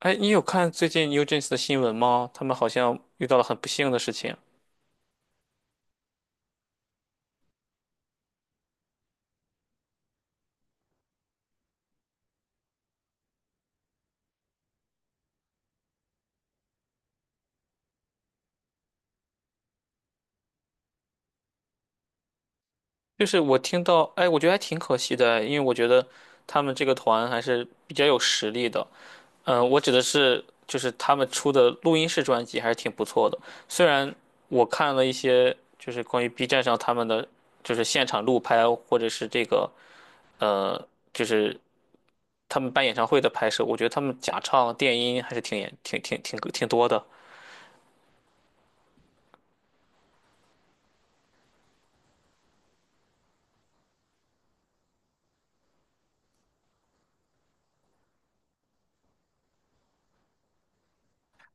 哎，你有看最近 NewJeans 的新闻吗？他们好像遇到了很不幸的事情。就是我听到，哎，我觉得还挺可惜的，因为我觉得他们这个团还是比较有实力的。嗯，我指的是就是他们出的录音室专辑还是挺不错的。虽然我看了一些就是关于 B 站上他们的就是现场录拍或者是这个呃就是他们办演唱会的拍摄，我觉得他们假唱、电音还是挺严挺挺挺挺多的。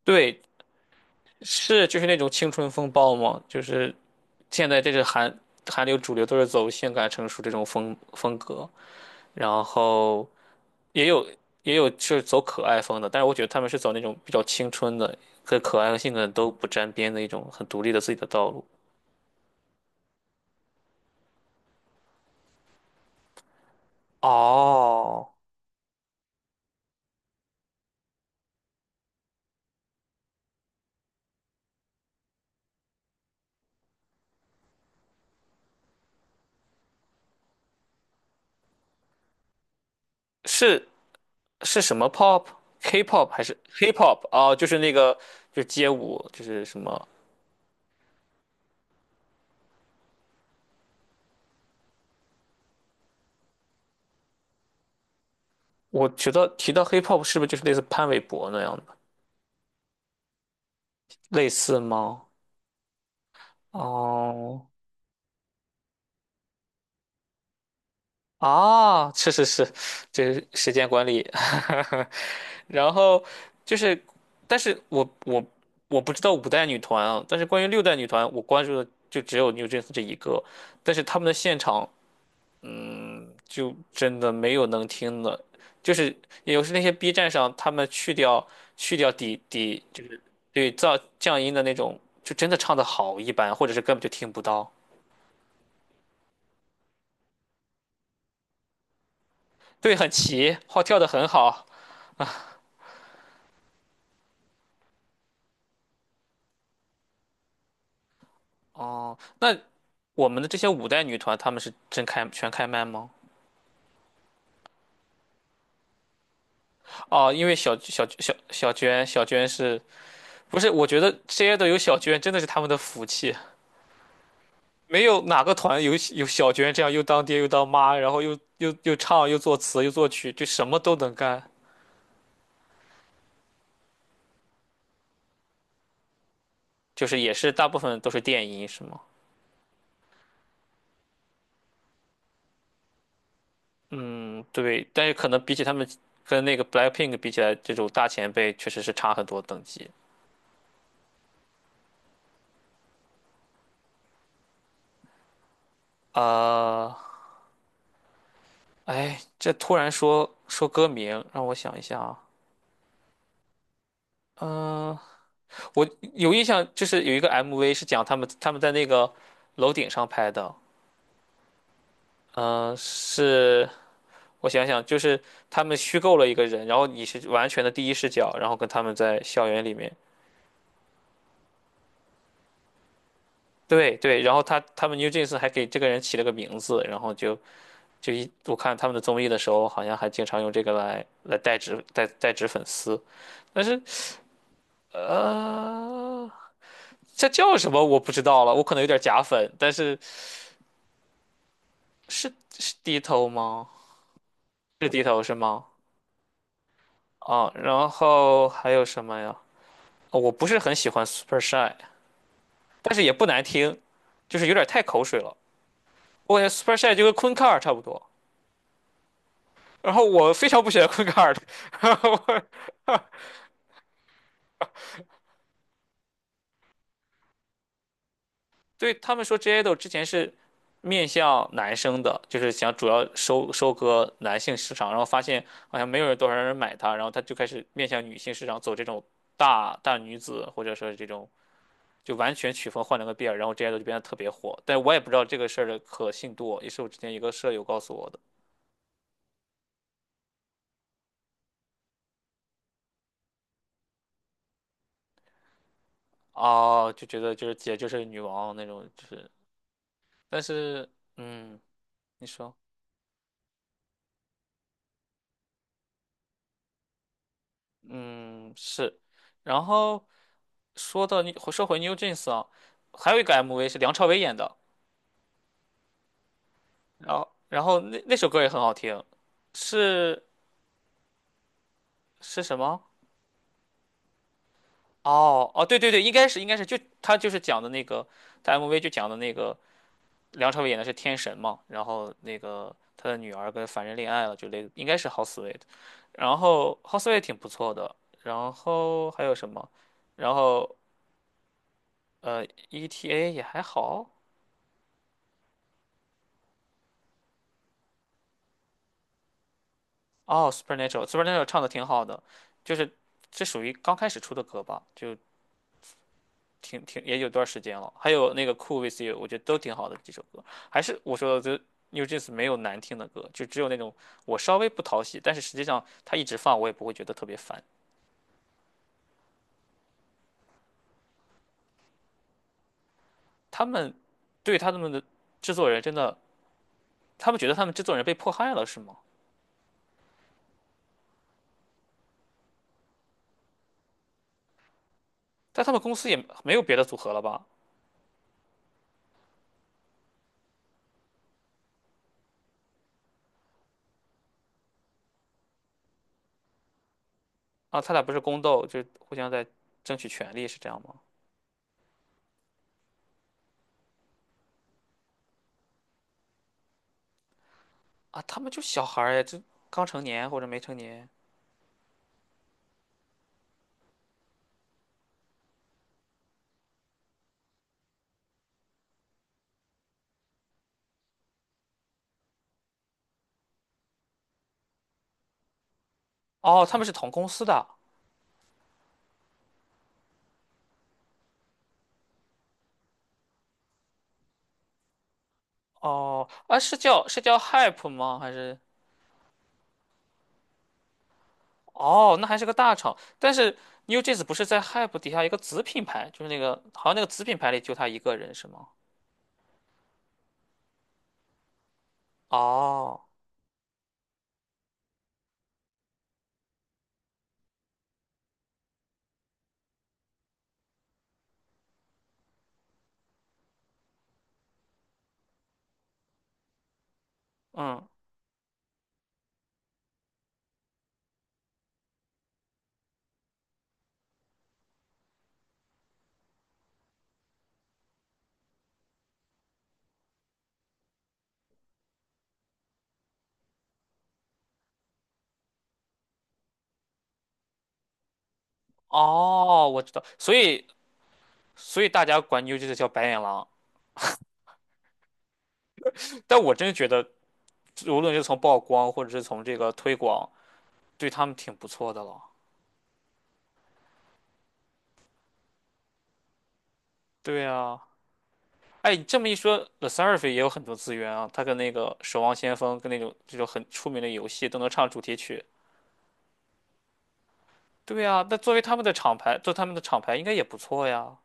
对，是就是那种青春风暴吗？就是现在这是韩流主流都是走性感成熟这种风格，然后也有也有是走可爱风的，但是我觉得他们是走那种比较青春的，跟可爱和性感都不沾边的一种很独立的自己的道路。哦，是是什么 pop？K-pop 还是 hip-hop 啊？就是那个就是街舞，就是什么？我觉得提到 hip-hop 是不是就是类似潘玮柏那样的，类似吗？哦，啊，是是是，这是时间管理。然后就是，但是我我不知道五代女团啊，但是关于六代女团，我关注的就只有 NewJeans 这一个。但是他们的现场，嗯，就真的没有能听的。就是有时那些 B 站上他们去掉底，就是对噪降音的那种，就真的唱的好一般，或者是根本就听不到。对，很齐，号跳的很好。哦，那我们的这些五代女团，她们是全开麦吗？哦，因为小娟，小娟是不是？我觉得 J 都有小娟真的是他们的福气，没有哪个团有小娟这样又当爹又当妈，然后又唱又作词又作曲，就什么都能干。就是也是大部分都是电音是吗？嗯，对，但是可能比起他们跟那个 BLACKPINK 比起来，这种大前辈确实是差很多等级。啊、哎，这突然说说歌名，让我想一下啊。嗯、我有印象，就是有一个 MV 是讲他们在那个楼顶上拍的。嗯、是我想想，就是他们虚构了一个人，然后你是完全的第一视角，然后跟他们在校园里面。对对，然后他们 New Jeans 还给这个人起了个名字，然后就就一我看他们的综艺的时候，好像还经常用这个来代指粉丝。但是呃，这叫什么我不知道了，我可能有点假粉，但是是是低头吗？是低头是吗？啊，然后还有什么呀？哦我不是很喜欢 Super Shy，但是也不难听，就是有点太口水了。我感觉 Super Shy 就跟昆卡尔差不多，然后我非常不喜欢昆卡尔。然后我对他们说 J i d o L 之前是面向男生的，就是想主要收割男性市场，然后发现好像没有人多少人买它，然后他就开始面向女性市场走这种大女子，或者说是这种就完全曲风换了个遍，然后 J i d o L 就变得特别火。但我也不知道这个事儿的可信度，也是我之前一个舍友告诉我的。啊，就觉得就是姐就是女王那种，就是但是嗯，你说嗯是，然后。你说回 New Jeans 啊，还有一个 MV 是梁朝伟演的，然后那首歌也很好听，是是什么？哦哦，对对对，应该是就他就是讲的那个，他 MV 就讲的那个梁朝伟演的是天神嘛，然后那个他的女儿跟凡人恋爱了，应该是 h o u s e w e e t。 然后 Houseway 挺不错的，然后还有什么？然后ETA 也还好，哦，Supernatural，Supernatural 唱的挺好的，就是这属于刚开始出的歌吧，就也有段时间了。还有那个 Cool with You，我觉得都挺好的几首歌。还是我说的，就 New Jeans 没有难听的歌，就只有那种我稍微不讨喜，但是实际上他一直放我也不会觉得特别烦。他们对他们的制作人真的，他们觉得他们制作人被迫害了是吗？但他们公司也没有别的组合了吧？啊，他俩不是宫斗，就互相在争取权利是这样吗？啊，他们就小孩儿呀，这刚成年或者没成年。哦，他们是同公司的。哦，啊，是叫 Hype 吗？还是哦，那还是个大厂。但是 NewJeans 不是在 Hype 底下一个子品牌，就是那个好像那个子品牌里就他一个人是吗？哦，嗯，哦，我知道。所以大家管 NewJeans 叫白眼狼，但我真觉得无论是从曝光或者是从这个推广，对他们挺不错的了。对呀。哎，你这么一说，The Surf 也有很多资源啊，他跟那个《守望先锋》跟那种这种很出名的游戏都能唱主题曲。对呀，那作为他们的厂牌，做他们的厂牌应该也不错呀。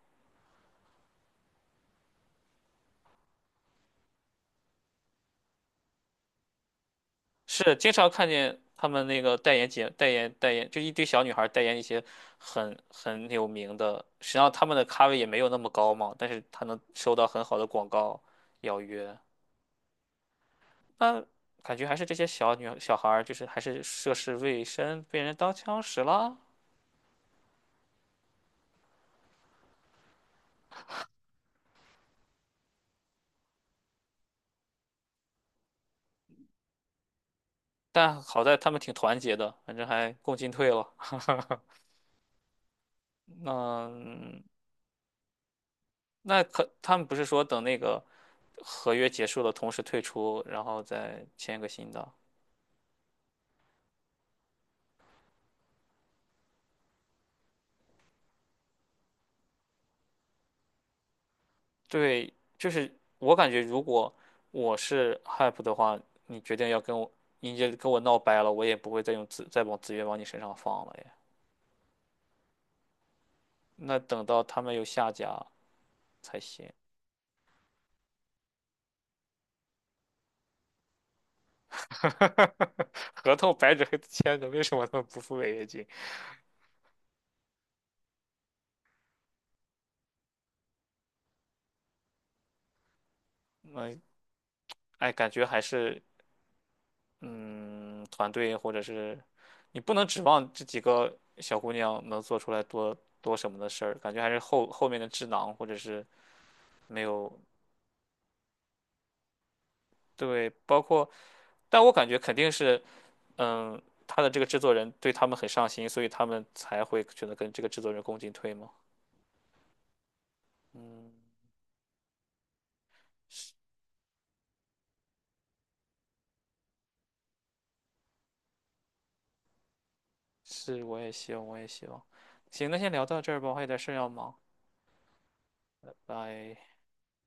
是，经常看见他们那个代言节、代言、代言，就一堆小女孩代言一些很有名的，实际上他们的咖位也没有那么高嘛，但是他能收到很好的广告邀约。那感觉还是这些小孩儿，就是还是涉世未深，被人当枪使了。但好在他们挺团结的，反正还共进退了。那那可他们不是说等那个合约结束了，同时退出，然后再签个新的？对，就是我感觉，如果我是 HYPE 的话，你决定要跟我，你就跟我闹掰了，我也不会再往资源往你身上放了呀。那等到他们有下家才行。合同白纸黑字签的，为什么他们不付违约金？嗯，哎，感觉还是嗯，团队或者是你不能指望这几个小姑娘能做出来多什么的事儿，感觉还是后面的智囊或者是没有对，包括，但我感觉肯定是，嗯，他的这个制作人对他们很上心，所以他们才会选择跟这个制作人共进退嘛。嗯，是，我也希望，我也希望。行，那先聊到这儿吧，我还有点事儿要忙，拜拜。